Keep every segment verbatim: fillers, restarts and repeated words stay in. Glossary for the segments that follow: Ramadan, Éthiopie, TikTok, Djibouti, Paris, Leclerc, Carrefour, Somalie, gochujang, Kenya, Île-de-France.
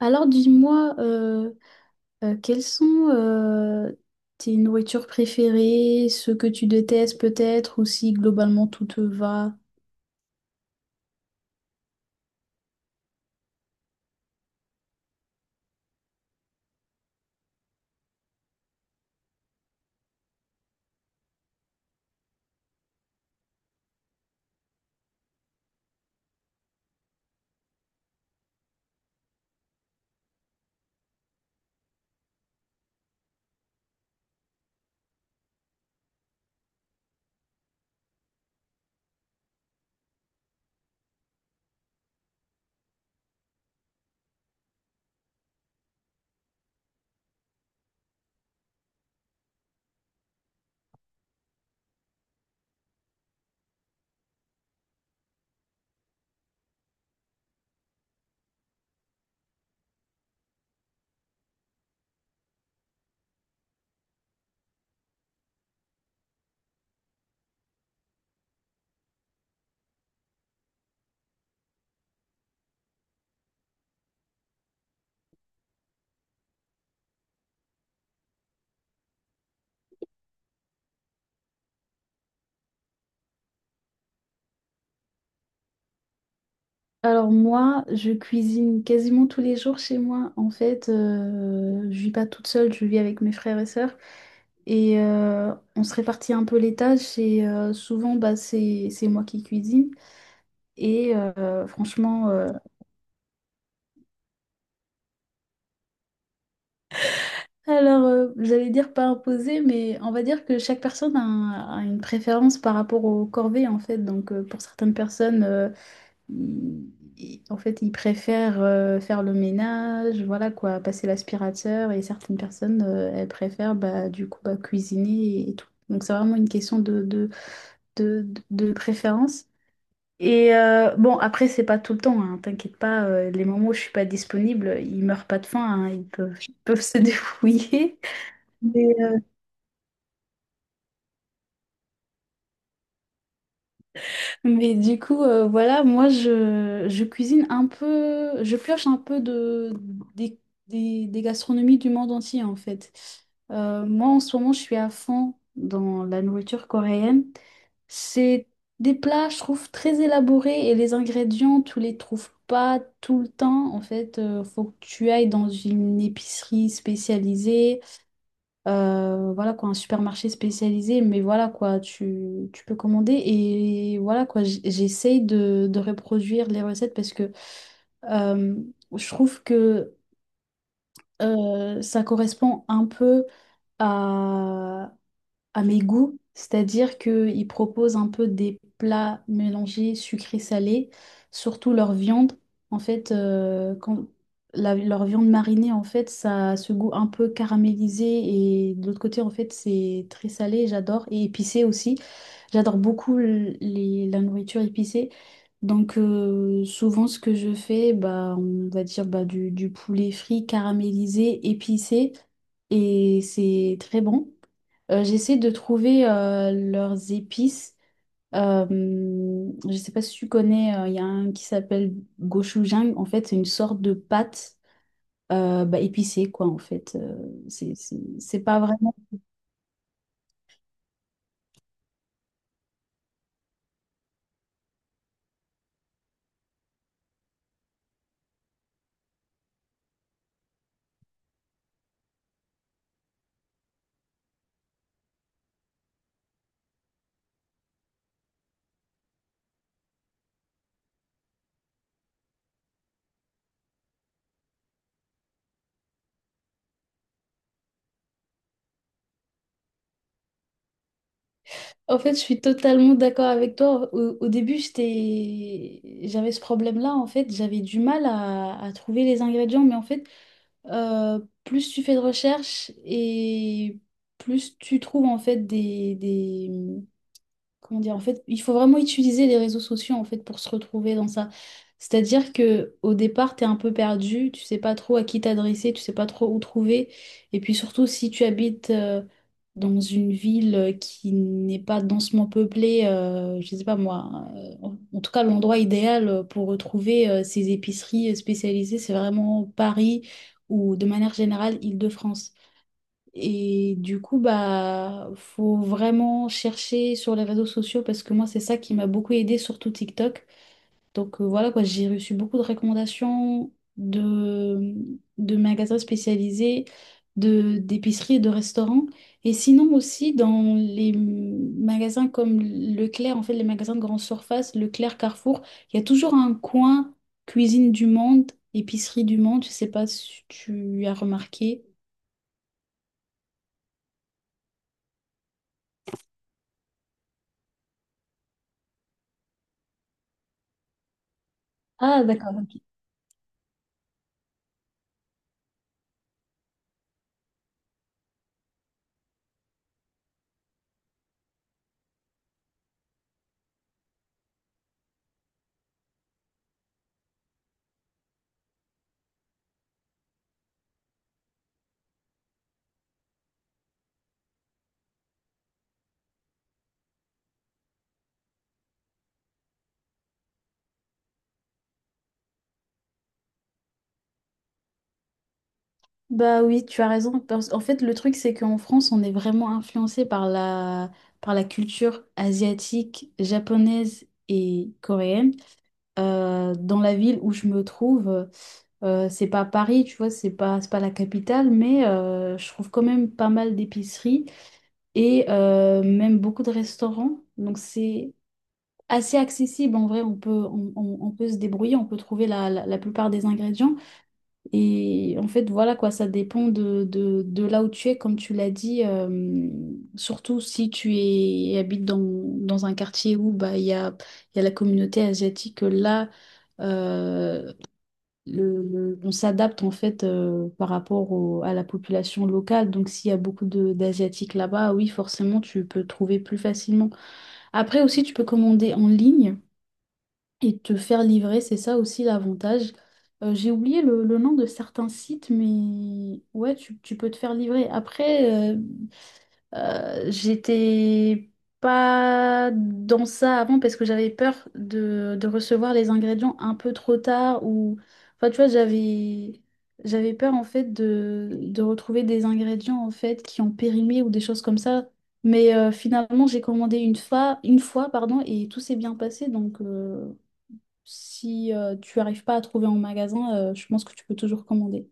Alors dis-moi, euh, euh, quelles sont euh, tes nourritures préférées, ce que tu détestes peut-être, ou si globalement tout te va? Alors moi, je cuisine quasiment tous les jours chez moi. En fait, euh, je vis pas toute seule, je vis avec mes frères et sœurs. Et euh, on se répartit un peu les tâches et euh, souvent bah, c'est c'est moi qui cuisine. Et euh, franchement, euh, alors, euh, j'allais dire pas imposé, mais on va dire que chaque personne a, un- a une préférence par rapport aux corvées, en fait. Donc, euh, pour certaines personnes, euh, ils- ils- en fait, ils préfèrent euh, faire le ménage, voilà quoi, passer l'aspirateur, et certaines personnes, euh, elles préfèrent bah, du coup bah, cuisiner et tout. Donc, c'est vraiment une question de, de, de, de préférence. Et euh, bon, après, c'est pas tout le temps, hein, t'inquiète pas, euh, les moments où je suis pas disponible, ils meurent pas de faim, hein, ils peuvent, ils peuvent se débrouiller. Mais du coup, euh, voilà, moi, je, je cuisine un peu, je pioche un peu de, des, des, des gastronomies du monde entier, en fait. Euh, moi, en ce moment, je suis à fond dans la nourriture coréenne. C'est des plats, je trouve, très élaborés et les ingrédients, tu les trouves pas tout le temps. En fait, euh, faut que tu ailles dans une épicerie spécialisée. Euh, voilà quoi, un supermarché spécialisé, mais voilà quoi, tu, tu peux commander et voilà quoi, j- j'essaye de, de reproduire les recettes parce que euh, je trouve que euh, ça correspond un peu à, à mes goûts, c'est-à-dire qu'ils proposent un peu des plats mélangés sucré-salé, surtout leur viande. En fait, euh, quand la- leur viande marinée, en fait, ça a ce goût un peu caramélisé et de l'autre côté, en fait, c'est très salé, j'adore, et épicé aussi. J'adore beaucoup le- les- la nourriture épicée. Donc euh, souvent ce que je fais, bah, on va dire bah, du, du poulet frit caramélisé, épicé, et c'est très bon. Euh, j'essaie de trouver euh, leurs épices. Euh, je sais pas si tu connais, euh, il y a un qui s'appelle gochujang. En fait, c'est une sorte de pâte euh, bah, épicée, quoi, en fait. Euh, c'est c'est- c'est pas vraiment... En fait, je suis totalement d'accord avec toi. Au, au début, j'étais... j'avais ce problème-là, en fait. J'avais du mal à, à trouver les ingrédients, mais en fait, euh, plus tu fais de recherche et plus tu trouves, en fait, des... comment dire, en fait, il faut vraiment utiliser les réseaux sociaux en fait pour se retrouver dans ça. C'est-à-dire que au départ, t'es un peu perdu, tu sais pas trop à qui t'adresser, tu sais pas trop où trouver. Et puis surtout, si tu habites euh, dans une ville euh, qui n'est pas densement peuplée, euh, je sais pas moi, euh, en en tout cas l'endroit idéal euh, pour retrouver euh, ces épiceries euh, spécialisées, c'est vraiment Paris ou de manière générale Île-de-France. Et du coup, bah, faut vraiment chercher sur les réseaux sociaux parce que moi, c'est ça qui m'a beaucoup aidé, surtout TikTok. Donc euh, voilà quoi, j'ai reçu beaucoup de recommandations de, de magasins spécialisés, de, d'épiceries et de restaurants. Et sinon aussi dans les magasins comme Leclerc, en fait, les magasins de grande surface, Leclerc, Carrefour, il y a toujours un coin cuisine du monde, épicerie du monde. Je sais pas si tu as remarqué. Ah, d'accord. Bah oui, tu as raison. parce- En fait, le truc, c'est qu'en France, on est vraiment influencé par la, par la culture asiatique, japonaise et coréenne. Euh, dans la ville où je me trouve, euh, c'est pas Paris, tu vois, c'est pas, c'est pas la capitale, mais euh, je trouve quand même pas mal d'épiceries et euh, même beaucoup de restaurants. Donc c'est assez accessible en vrai, on peut, on, on- on peut se débrouiller, on peut trouver la, la la plupart des ingrédients. Et en fait, voilà quoi, ça dépend de, de, de là où tu es, comme tu l'as dit, euh, surtout si tu es, habites dans, dans un quartier où bah, il y a, il y a la communauté asiatique, là, euh, le, le- on s'adapte en fait euh, par rapport au- à la population locale. Donc s'il y a beaucoup de- d'Asiatiques là-bas, oui, forcément, tu peux trouver plus facilement. Après aussi, tu peux commander en ligne et te faire livrer, c'est ça aussi l'avantage. Euh, j'ai oublié le, le nom de certains sites, mais ouais, tu, tu peux te faire livrer. Après, euh, euh, j'étais pas dans ça avant parce que j'avais peur de, de recevoir les ingrédients un peu trop tard ou... Enfin, tu vois, j'avais... J'avais peur en fait de, de retrouver des ingrédients en fait qui ont périmé ou des choses comme ça. Mais euh, finalement, j'ai commandé une fois, une fois pardon, et tout s'est bien passé. Donc, euh, si euh, tu arrives pas à trouver en magasin, euh, je pense que tu peux toujours commander.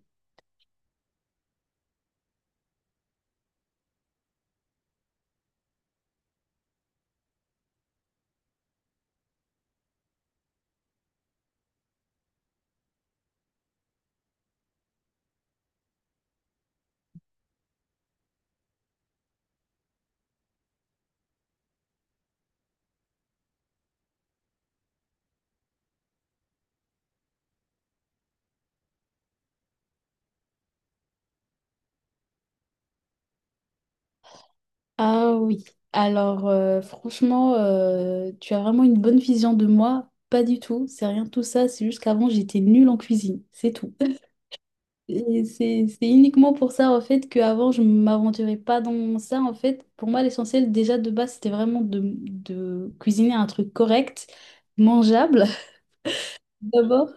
Ah oui. Alors euh, franchement, euh, tu as vraiment une bonne vision de moi. Pas du tout, c'est rien de tout ça, c'est juste qu'avant j'étais nulle en cuisine, c'est tout. Et c'est c'est uniquement pour ça en fait qu'avant je m'aventurais pas dans ça en fait. Pour moi l'essentiel déjà de base c'était vraiment de, de cuisiner un truc correct, mangeable d'abord.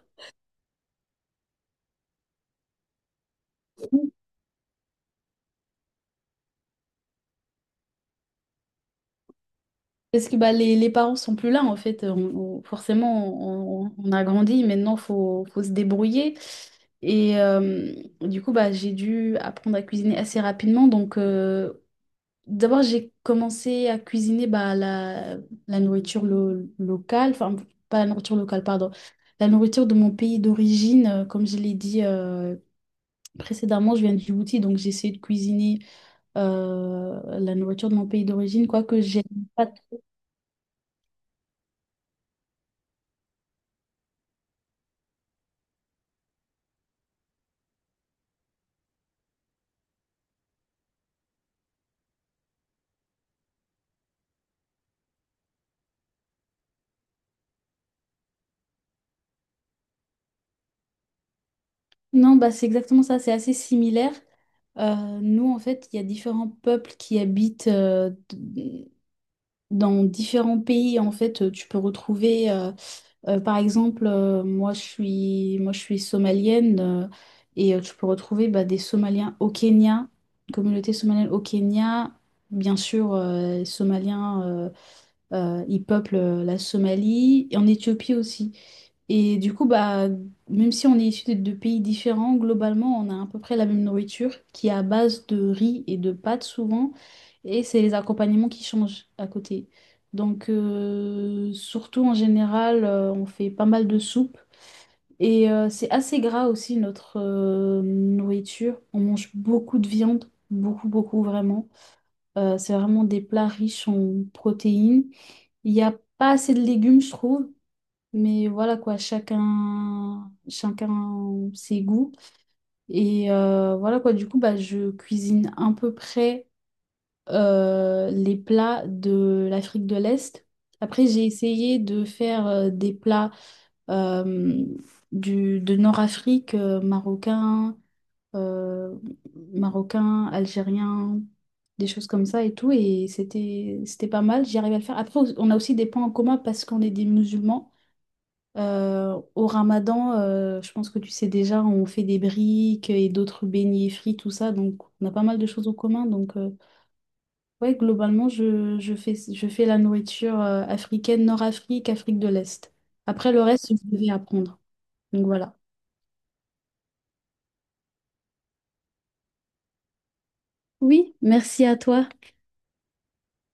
Parce que bah, les, les parents sont plus là, en fait. On- on- forcément, on, on a grandi, maintenant, faut, faut se débrouiller. Et euh, du coup, bah, j'ai dû apprendre à cuisiner assez rapidement. Donc, euh, d'abord, j'ai commencé à cuisiner bah, la, la nourriture lo- locale, enfin, pas la nourriture locale, pardon, la nourriture de mon pays d'origine. Euh, Comme je l'ai dit euh, précédemment, je viens de Djibouti, donc j'ai essayé de cuisiner euh, la nourriture de mon pays d'origine, quoique j'aime pas. Non, bah, c'est exactement ça, c'est assez similaire. Euh, Nous, en fait, il y a différents peuples qui habitent euh, d- dans différents pays. En fait, euh, tu peux retrouver, euh, euh, par exemple, euh, moi, je suis, moi, je suis somalienne euh, et euh, tu peux retrouver bah, des Somaliens au Kenya, une communauté somalienne au Kenya, bien sûr, euh, Somaliens. Euh, euh, ils peuplent euh, la Somalie et en Éthiopie aussi. Et du coup, bah, même si on est issu de de pays différents, globalement, on a à peu près la même nourriture qui est à base de riz et de pâtes souvent. Et c'est les accompagnements qui changent à côté. Donc, euh, surtout en général, euh, on fait pas mal de soupes. Et euh, c'est assez gras aussi notre euh, nourriture. On mange beaucoup de viande, beaucoup, beaucoup vraiment. Euh, c'est vraiment des plats riches en protéines. Il n'y a pas assez de légumes, je trouve. Mais voilà quoi, chacun, chacun ses goûts. Et euh, voilà quoi, du coup, bah, je cuisine à peu près euh, les plats de l'Afrique de l'Est. Après, j'ai essayé de faire euh, des plats euh, du, de Nord-Afrique, euh, marocain, euh, marocain, algérien, des choses comme ça et tout. Et c'était, c'était pas mal, j'y arrivais à le faire. Après, on a aussi des points en commun parce qu'on est des musulmans. Euh, au Ramadan, euh, je pense que tu sais déjà, on fait des briques et d'autres beignets frits, tout ça. Donc, on a pas mal de choses en commun. Donc, euh, ouais, globalement, je, je fais, je fais la nourriture euh, africaine, Nord-Afrique, Afrique de l'Est. Après, le reste, je devais apprendre. Donc, voilà. Oui, merci à toi.